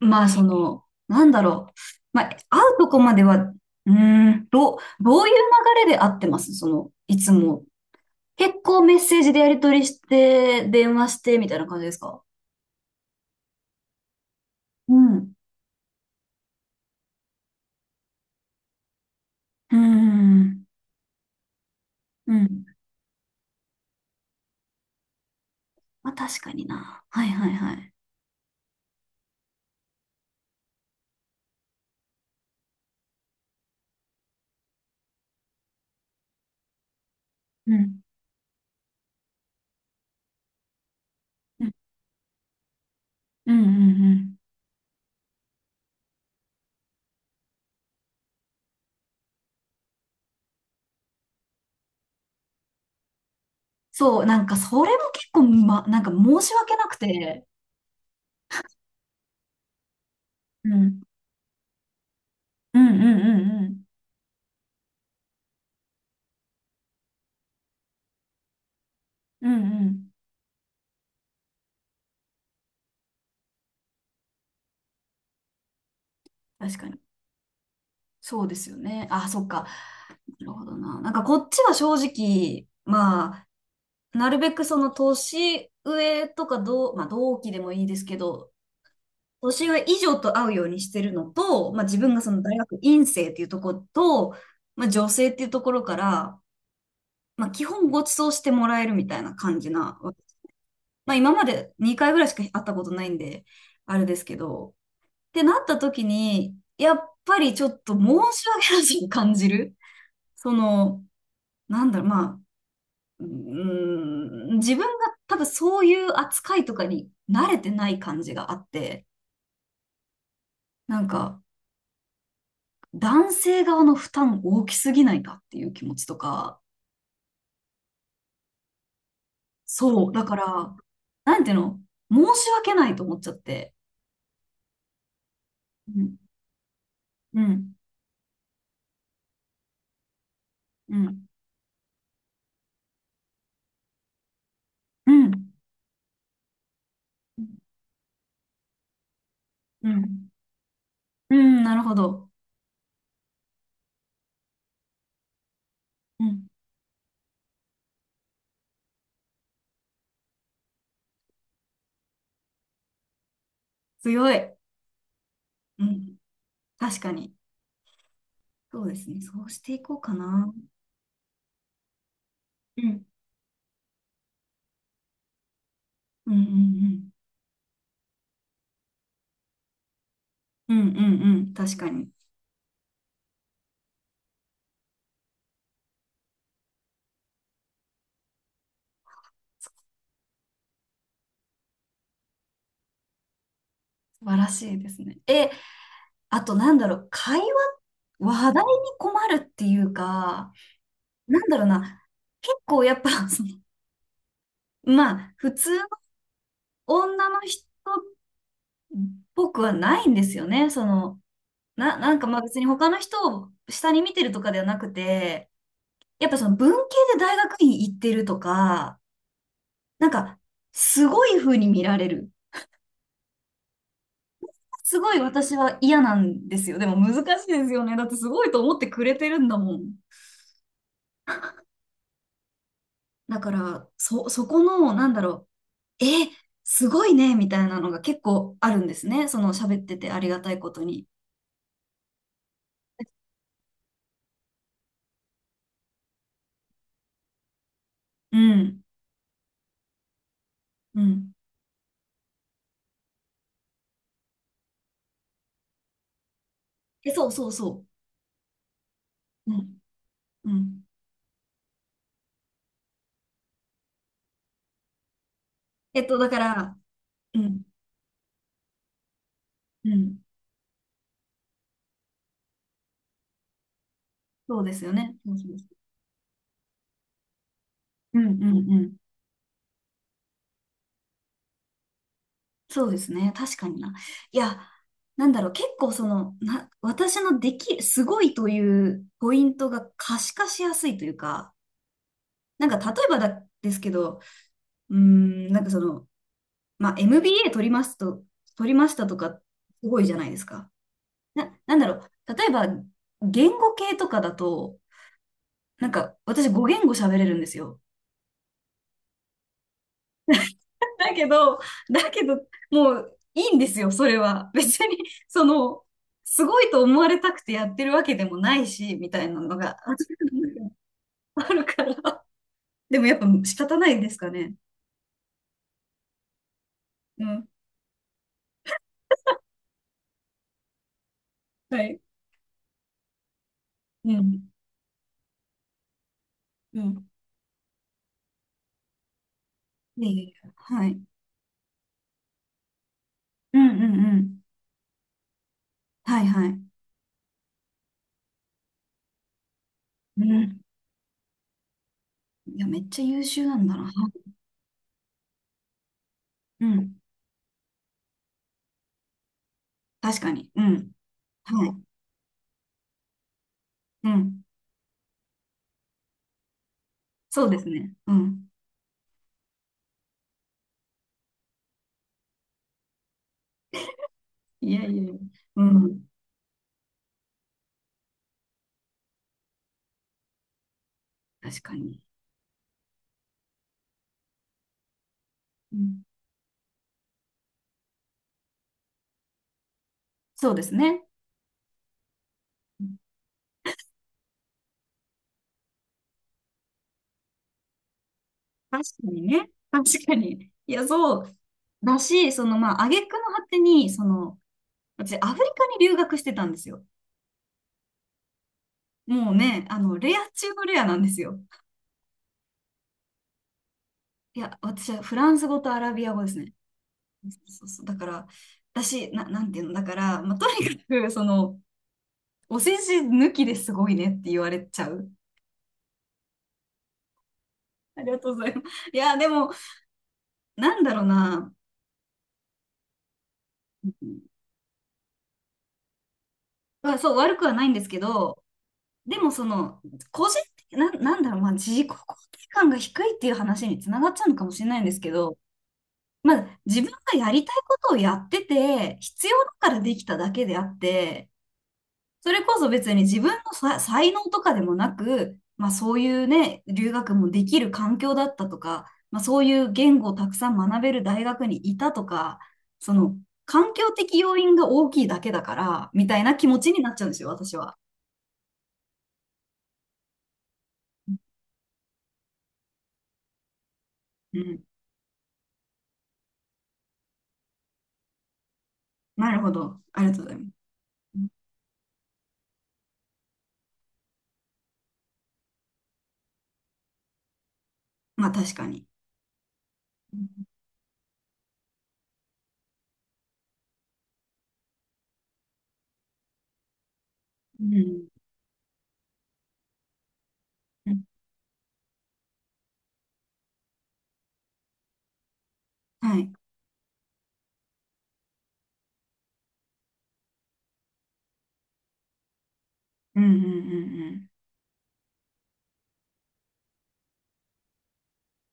まあ、その、なんだろう。まあ、会うとこまでは、どういう流れで会ってますその、いつも。結構メッセージでやり取りして、電話して、みたいな感じですか？うん。うーん。うん。まあ、確かにな。はいはいはい。うん。うん。うん。うんうん。そう、なんか、それも結構、ま、なんか申し訳なくて。うん。うんうんうんうん。うんうん。確かに。そうですよね。あ、そっか。なるほどな。なんかこっちは正直、まあ、なるべくその年上とかまあ同期でもいいですけど、年上以上と会うようにしてるのと、まあ自分がその大学院生っていうところと、まあ女性っていうところから、まあ基本ご馳走してもらえるみたいな感じなわけです。まあ今まで2回ぐらいしか会ったことないんで、あれですけど、ってなった時に、やっぱりちょっと申し訳なしに感じる。その、なんだろう、まあ、自分が多分そういう扱いとかに慣れてない感じがあって、なんか男性側の負担大きすぎないかっていう気持ちとか、そう、だから、なんていうの、申し訳ないと思っちゃって。うん、うん、うん、うん、うん、うんなるほど。うん、強い。うん、確かに。そうですね、そうしていこうかな。うん、うん、うん、うん、うん、うん、うん確かに。素晴らしいですね。え、あとなんだろう、話題に困るっていうか、なんだろうな、結構やっぱ、その、まあ、普通の女の人っぽくはないんですよね。その、なんかまあ別に他の人を下に見てるとかではなくて、やっぱその文系で大学院行ってるとか、なんか、すごい風に見られる。すごい私は嫌なんですよ。でも難しいですよね。だってすごいと思ってくれてるんだもん。だから、そこの、なんだろう、え、すごいね、みたいなのが結構あるんですね。その喋っててありがたいことに。うん、うん。え、そうそうそう。うん、うん。だから、うん、うん。そうですよね。そうそうそう。うん、うん、うん。そうですね。確かにな。いや、なんだろう、結構その、私の、すごいというポイントが可視化しやすいというか、なんか例えば、ですけど、なんかその、まあ、MBA 取りますと、取りましたとか、すごいじゃないですか。なんだろう。例えば、言語系とかだと、なんか、私語言語喋れるんですよ。だけど、だけど、もういいんですよ、それは。別に、その、すごいと思われたくてやってるわけでもないし、みたいなのが あるから。でもやっぱ仕方ないですかね。うん。はい。うん。うん。いやいやいやはい。うんうんうん。はいはい。うん。いや、めっちゃ優秀なんだな。うん。確かに。うん。はい。うん。そうですね。うん。いやいやいや。うん。確かに。うん。そうですね。確かにね。確かに。いや、そう。だし、その、まあ、挙句の果てに、その、私、アフリカに留学してたんですよ。もうね、あの、レア中のレアなんですよ。いや、私はフランス語とアラビア語ですね。そうそうそう。だから、私、なんていうの、だから、まあ、とにかく、その、お世辞抜きですごいねって言われちゃう。ありがとうございます。いや、でも、なんだろうな。まあそう、悪くはないんですけど、でもその、個人的、なんだろう、まあ、自己肯定感が低いっていう話につながっちゃうのかもしれないんですけど、まあ、自分がやりたいことをやってて、必要だからできただけであって、それこそ別に自分の才能とかでもなく、まあそういうね、留学もできる環境だったとか、まあそういう言語をたくさん学べる大学にいたとか、その環境的要因が大きいだけだから、みたいな気持ちになっちゃうんですよ、私は。うん。なるほど。ありがとうございます。うんまあ確かに。うん。うんはい。うんうんうん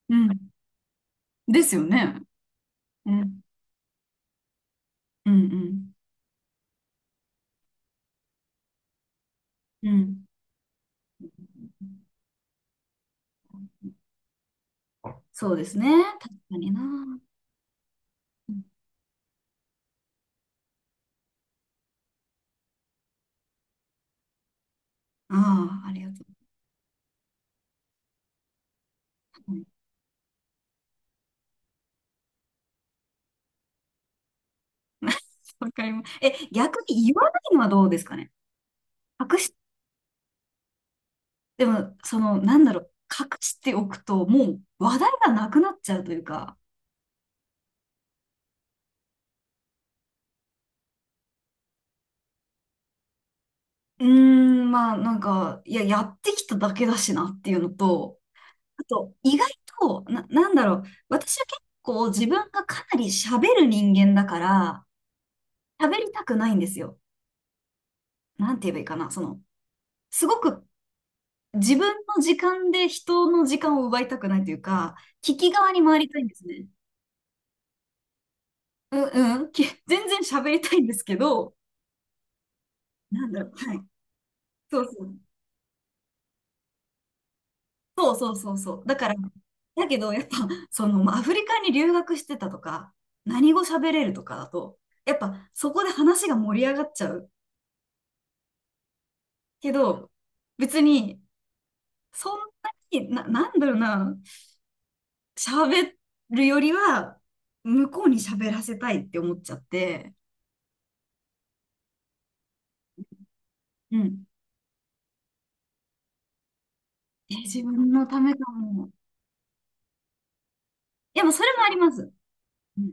うん。うん。ですよね。うん。うんうん。うん。そうですね。確かにな。うんああ、ありがとう。うん わかります。逆に言わないのはどうですかね。隠し、でも、その、なんだろう、隠しておくと、もう話題がなくなっちゃうというか、まあ、なんか、いや、やってきただけだしなっていうのと、あと、意外と、なんだろう、私は結構自分がかなり喋る人間だから、喋りたくないんですよ。なんて言えばいいかな、その、すごく自分の時間で人の時間を奪いたくないというか、聞き側に回りたいんですね。うんうん。全然喋りたいんですけど、なんだろう。はい。そうそう。そうそうそうそう。だから、だけど、やっぱ、その、まあアフリカに留学してたとか、何語喋れるとかだと、やっぱ、そこで話が盛り上がっちゃう。けど、別に、そんなに、なんだろうな、喋るよりは、向こうに喋らせたいって思っちゃって、うん。え、自分のためかも。いや、もうそれもあります。うん、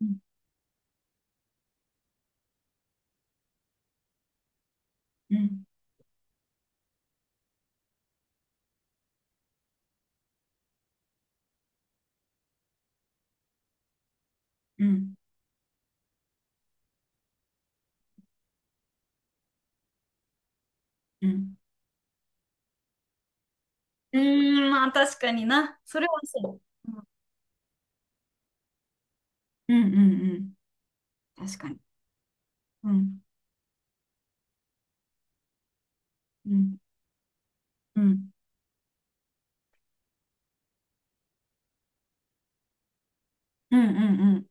うん、うん、うん。うんまあ確かにな。それはそう。うん、うん、うんうん。確かに。うん、うん、うん、うん、うん。うん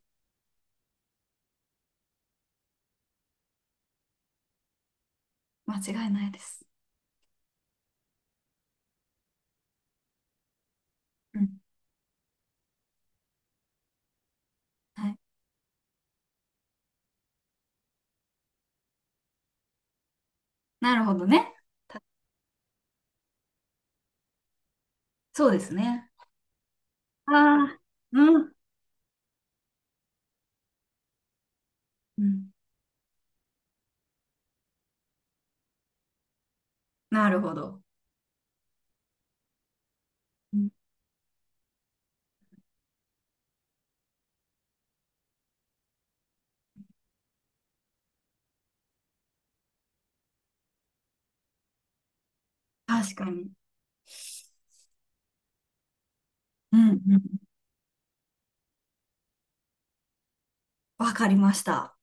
間違いないです。うん。はい。なるほどね。そうですね。ああ、うん。うん。なるほど。うん確かに。うん、うん。わかりました。